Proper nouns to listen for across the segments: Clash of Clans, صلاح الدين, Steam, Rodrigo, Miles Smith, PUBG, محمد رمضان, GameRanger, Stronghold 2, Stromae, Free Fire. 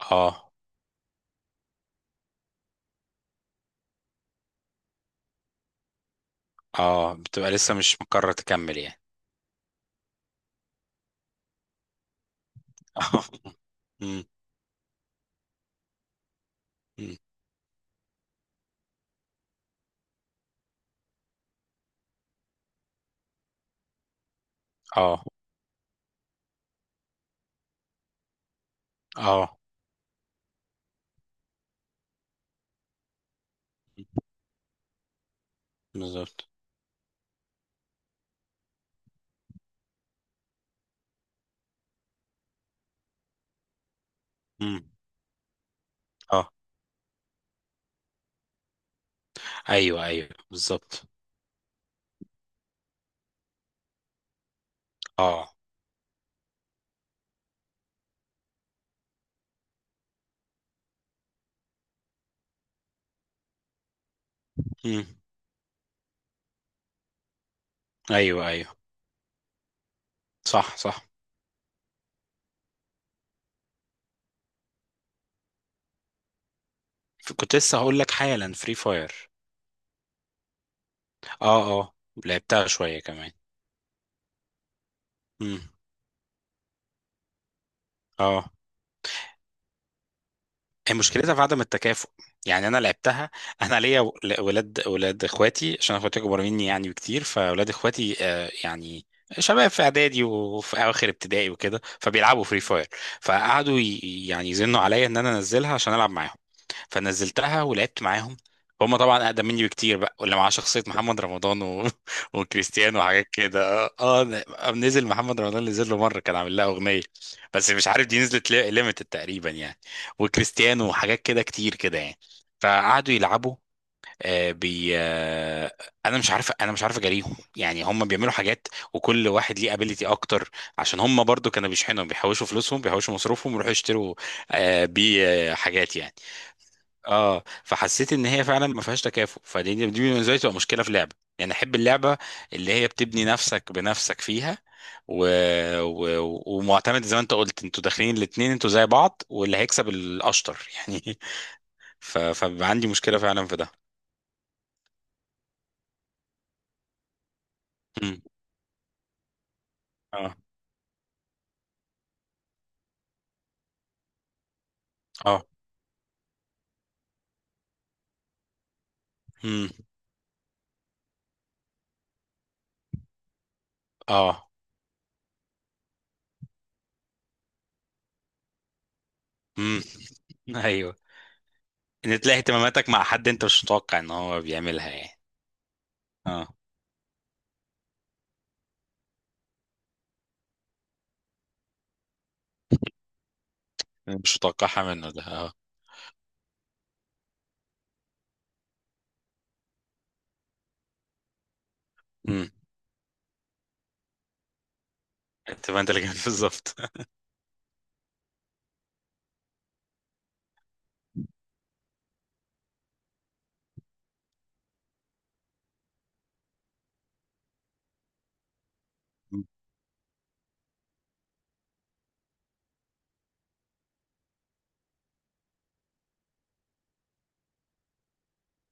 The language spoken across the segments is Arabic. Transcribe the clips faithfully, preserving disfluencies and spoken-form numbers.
اه اه بتبقى لسه مش مقرر تكمل يعني؟ اه. مم، مم. اه اه بالظبط. مم، اه، ايوه، ايوه، بالظبط. اه. مم، ايوه، ايوه، صح، صح. ف- كنت لسه هقول لك حالا فري فاير. اه اه لعبتها شويه كمان. مم، اه، هي مشكلتها في عدم التكافؤ. يعني انا لعبتها، انا ليا و- ل- ولاد ولاد اخواتي، عشان اخواتي اكبر مني يعني بكتير، فولاد اخواتي، آه، يعني شباب في اعدادي وفي اواخر ابتدائي وكده، فبيلعبوا فري فاير. فقعدوا ي- يعني يزنوا عليا ان انا انزلها عشان العب معاهم، فنزلتها ولعبت معاهم. هم طبعا اقدم مني بكتير بقى، واللي معاه شخصيه محمد رمضان و... وكريستيانو وحاجات كده. اه آه، نزل محمد رمضان، نزل له مره كان عامل لها اغنيه، بس مش عارف دي نزلت ليميتد تقريبا يعني. وكريستيانو وحاجات كده كتير كده يعني، فقعدوا يلعبوا. آه، بي آه، انا مش عارف انا مش عارف اجاريهم، يعني هم بيعملوا حاجات وكل واحد ليه ابيليتي اكتر، عشان هم برضو كانوا بيشحنوا، بيحوشوا فلوسهم، بيحوشوا مصروفهم، ويروحوا يشتروا آه، بيه آه، حاجات يعني. اه فحسيت ان هي فعلا ما فيهاش تكافؤ، فدي دي بالنسبه لي تبقى مشكله في اللعبه، يعني احب اللعبه اللي هي بتبني نفسك بنفسك فيها، و... و... ومعتمد زي ما انت قلت، انتوا داخلين الاتنين، انتوا زي بعض، واللي هيكسب الاشطر يعني. ف... فبيبقى عندي مشكله فعلا في ده. مم، اه، اه. مم، اه. مم. ايوه، ان تلاقي اهتماماتك مع حد انت مش متوقع ان هو بيعملها يعني. اه، مش متوقعها منه ده، اه. مم، انت، ما انت اللي كان بالظبط.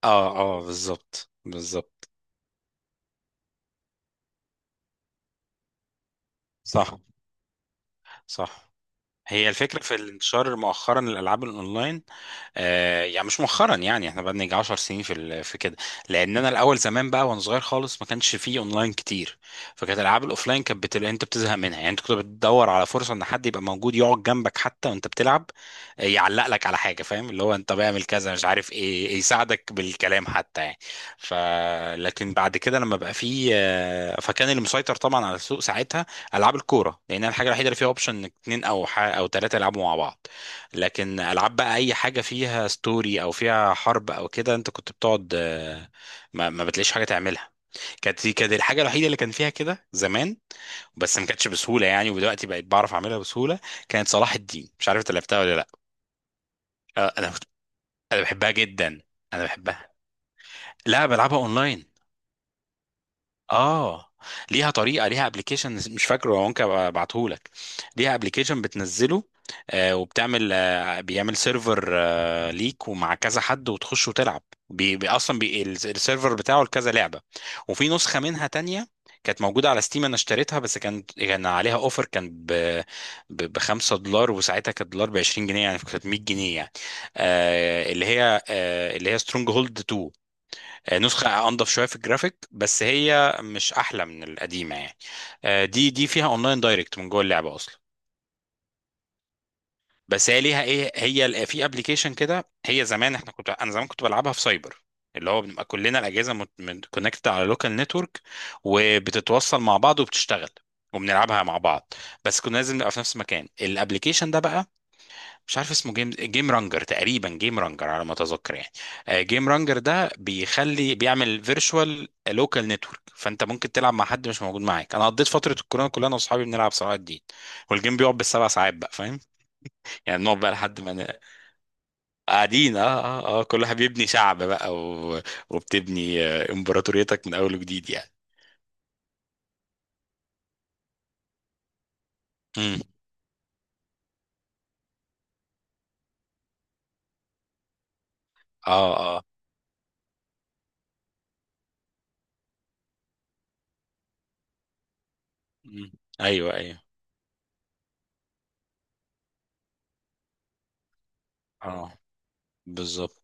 اه اه بالظبط، بالظبط، صح، صح. هي الفكرة في الانتشار مؤخرا للألعاب الأونلاين. آه يعني مش مؤخرا، يعني احنا بقى نيجي 10 سنين في ال- في كده لأن أنا الأول زمان بقى، وأنا صغير خالص ما كانش فيه أونلاين كتير، فكانت الألعاب الأوفلاين كانت بتل... أنت بتزهق منها، يعني أنت كنت بتدور على فرصة إن حد يبقى موجود يقعد جنبك حتى وأنت بتلعب، آه، يعلق لك على حاجة، فاهم؟ اللي هو أنت بيعمل كذا، مش عارف إيه، يساعدك بالكلام حتى يعني. ف لكن بعد كده لما بقى فيه، آه، فكان اللي مسيطر طبعا على السوق ساعتها العاب الكوره، لان الحاجه الوحيده اللي فيها اوبشن انك اتنين او ح... او ثلاثه يلعبوا مع بعض. لكن العاب بقى اي حاجه فيها ستوري او فيها حرب او كده، انت كنت بتقعد، آه، ما, ما بتلاقيش حاجه تعملها. كانت دي كانت الحاجه الوحيده اللي كان فيها كده زمان، بس ما كانتش بسهوله يعني، ودلوقتي بقيت بعرف اعملها بسهوله. كانت صلاح الدين، مش عارف انت لعبتها ولا لا؟ آه، انا كنت- انا بحبها جدا، انا بحبها، لا، بلعبها اونلاين. اه، ليها طريقه، ليها ابلكيشن مش فاكره، ممكن ابعته لك. ليها ابلكيشن بتنزله، آه وبتعمل، آه بيعمل سيرفر آه ليك، ومع كذا حد وتخش وتلعب. بي بي اصلا بي ال- السيرفر بتاعه لكذا لعبه. وفي نسخه منها تانية كانت موجوده على ستيم، انا اشتريتها، بس كانت كان عليها اوفر، كان ب ب خمسة دولار، وساعتها كانت دولار ب عشرين جنيه، يعني كانت مية جنيه يعني. آه اللي هي آه اللي هي سترونج هولد اتنين، آه، نسخة أنضف شوية في الجرافيك، بس هي مش أحلى من القديمة يعني. آه، دي دي فيها أونلاين دايركت من جوه اللعبة أصلا. بس هي ليها إيه، هي ال- في أبلكيشن كده. هي زمان إحنا كنت أنا زمان كنت بلعبها في سايبر، اللي هو بنبقى كلنا الأجهزة كونكتد على لوكال نتورك، وبتتوصل مع بعض وبتشتغل، وبنلعبها مع بعض. بس كنا لازم نبقى في نفس المكان. الأبلكيشن ده بقى مش عارف اسمه، جيم جيم رانجر تقريبا، جيم رانجر على ما اتذكر يعني. آه، جيم رانجر ده بيخلي بيعمل فيرتشوال لوكال نتورك، فانت ممكن تلعب مع حد مش موجود معاك. انا قضيت فتره الكورونا كلها، انا واصحابي بنلعب صلاح الدين، والجيم بيقعد بالسبع ساعات بقى، فاهم؟ يعني نقعد بقى لحد ما ن- قاعدين. اه اه اه كل واحد بيبني شعب بقى، و... وبتبني آه، امبراطوريتك من اول وجديد يعني. امم، اه، اه مم، ايوه، ايوه، اه، بالظبط.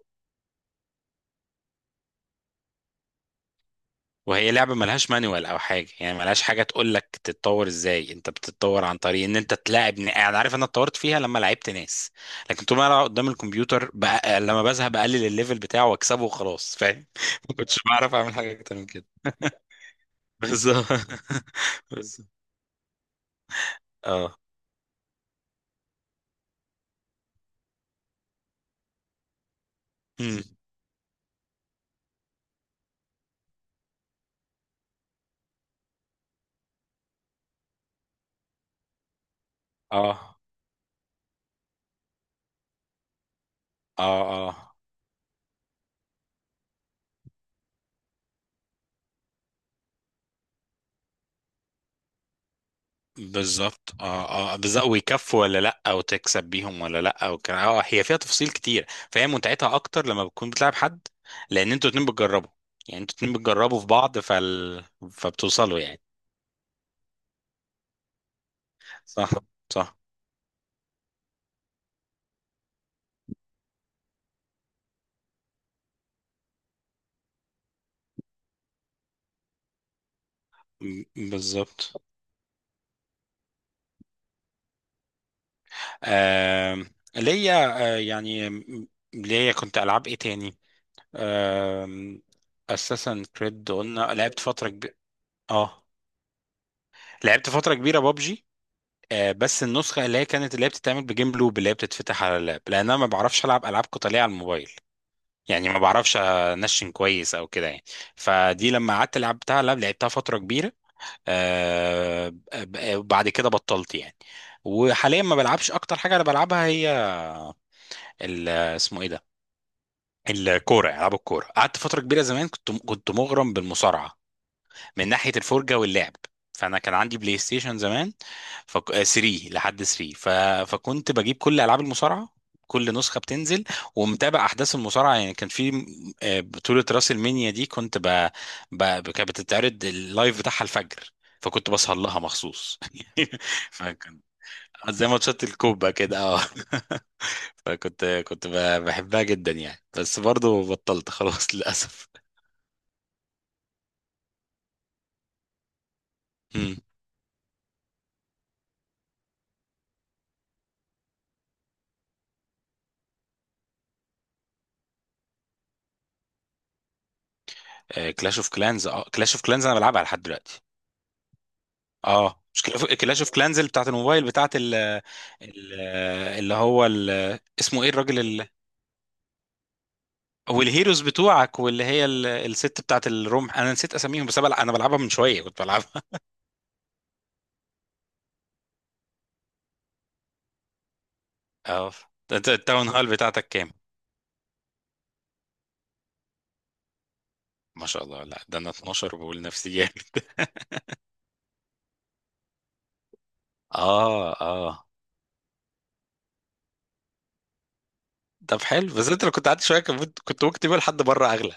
وهي لعبة ملهاش مانوال أو حاجة، يعني ملهاش حاجة تقول لك تتطور إزاي. أنت بتتطور عن طريق إن أنت تلاعب ن- أنا عارف، أنا اتطورت فيها لما لعبت ناس. لكن طول ما أنا قدام الكمبيوتر بق... لما بزهق بقلل الليفل بتاعه وأكسبه وخلاص فاهم. ما كنتش بعرف أعمل حاجة أكتر من كده. بالظبط، بالظبط. أه، أمم، أه أه أه بالظبط. اه اه بالظبط، ويكفوا ولا لا، وتكسب بيهم ولا لا. وكان اه هي فيها تفاصيل كتير، فهي متعتها اكتر لما بتكون بتلعب حد، لان انتوا اتنين بتجربوا، يعني انتوا اتنين بتجربوا في بعض. فال... فبتوصلوا يعني. صح، صح، م- بالظبط. آه ليا، آه يعني م- ليا كنت العاب ايه تاني؟ آه اساسا كريد قلنا لعبت فتره كبيره. اه، لعبت فتره كبيره بابجي، آه، بس النسخه اللي هي كانت اللي هي بتتعمل بجيم لوب، اللي هي بتتفتح على اللاب، لان انا ما بعرفش العب العاب قتاليه على الموبايل، يعني ما بعرفش انشن كويس او كده يعني. فدي لما قعدت لعبتها لعب لعبتها فتره كبيره. آه، آه، بعد كده بطلت يعني. وحاليا ما بلعبش. اكتر حاجه انا بلعبها هي ال- اسمه ايه ده، الكوره العاب الكوره. قعدت فتره كبيره زمان، كنت كنت مغرم بالمصارعه من ناحية الفرجة واللعب. فأنا كان عندي بلاي ستيشن زمان، فك... آه، تلاتة لحد تلاتة. ف... فكنت بجيب كل ألعاب المصارعة، كل نسخة بتنزل، ومتابع أحداث المصارعة يعني. كان في، آه، بطولة راس المنيا دي كنت ب... ب... ب- كانت بتتعرض اللايف بتاعها الفجر، فكنت بسهر لها مخصوص. فكان زي ماتشات الكوبا كده، اه. فكنت كنت ب- بحبها جدا يعني، بس برضو بطلت خلاص للأسف. امم، كلاش اوف كلانز؟ اه، كلاش اوف كلانز انا بلعبها لحد دلوقتي. اه، مش كلاش اوف كلانز اللي بتاعت الموبايل، بتاعت ال ال- اللي هو ال اسمه ايه، الراجل ال والهيروز بتوعك، واللي هي ال- الست بتاعت الرمح، انا نسيت اساميهم. بس أنا بلع- أنا بلعبها من شويه، كنت بلعبها. اه، ده انت التاون هال بتاعتك كام؟ ما شاء الله، لا، ده انا اتناشر، بقول نفسي جامد. اه اه طب حلو، بس انت لو كنت قعدت شويه كان ممكن- كنت ممكن تبقى لحد بره اغلى.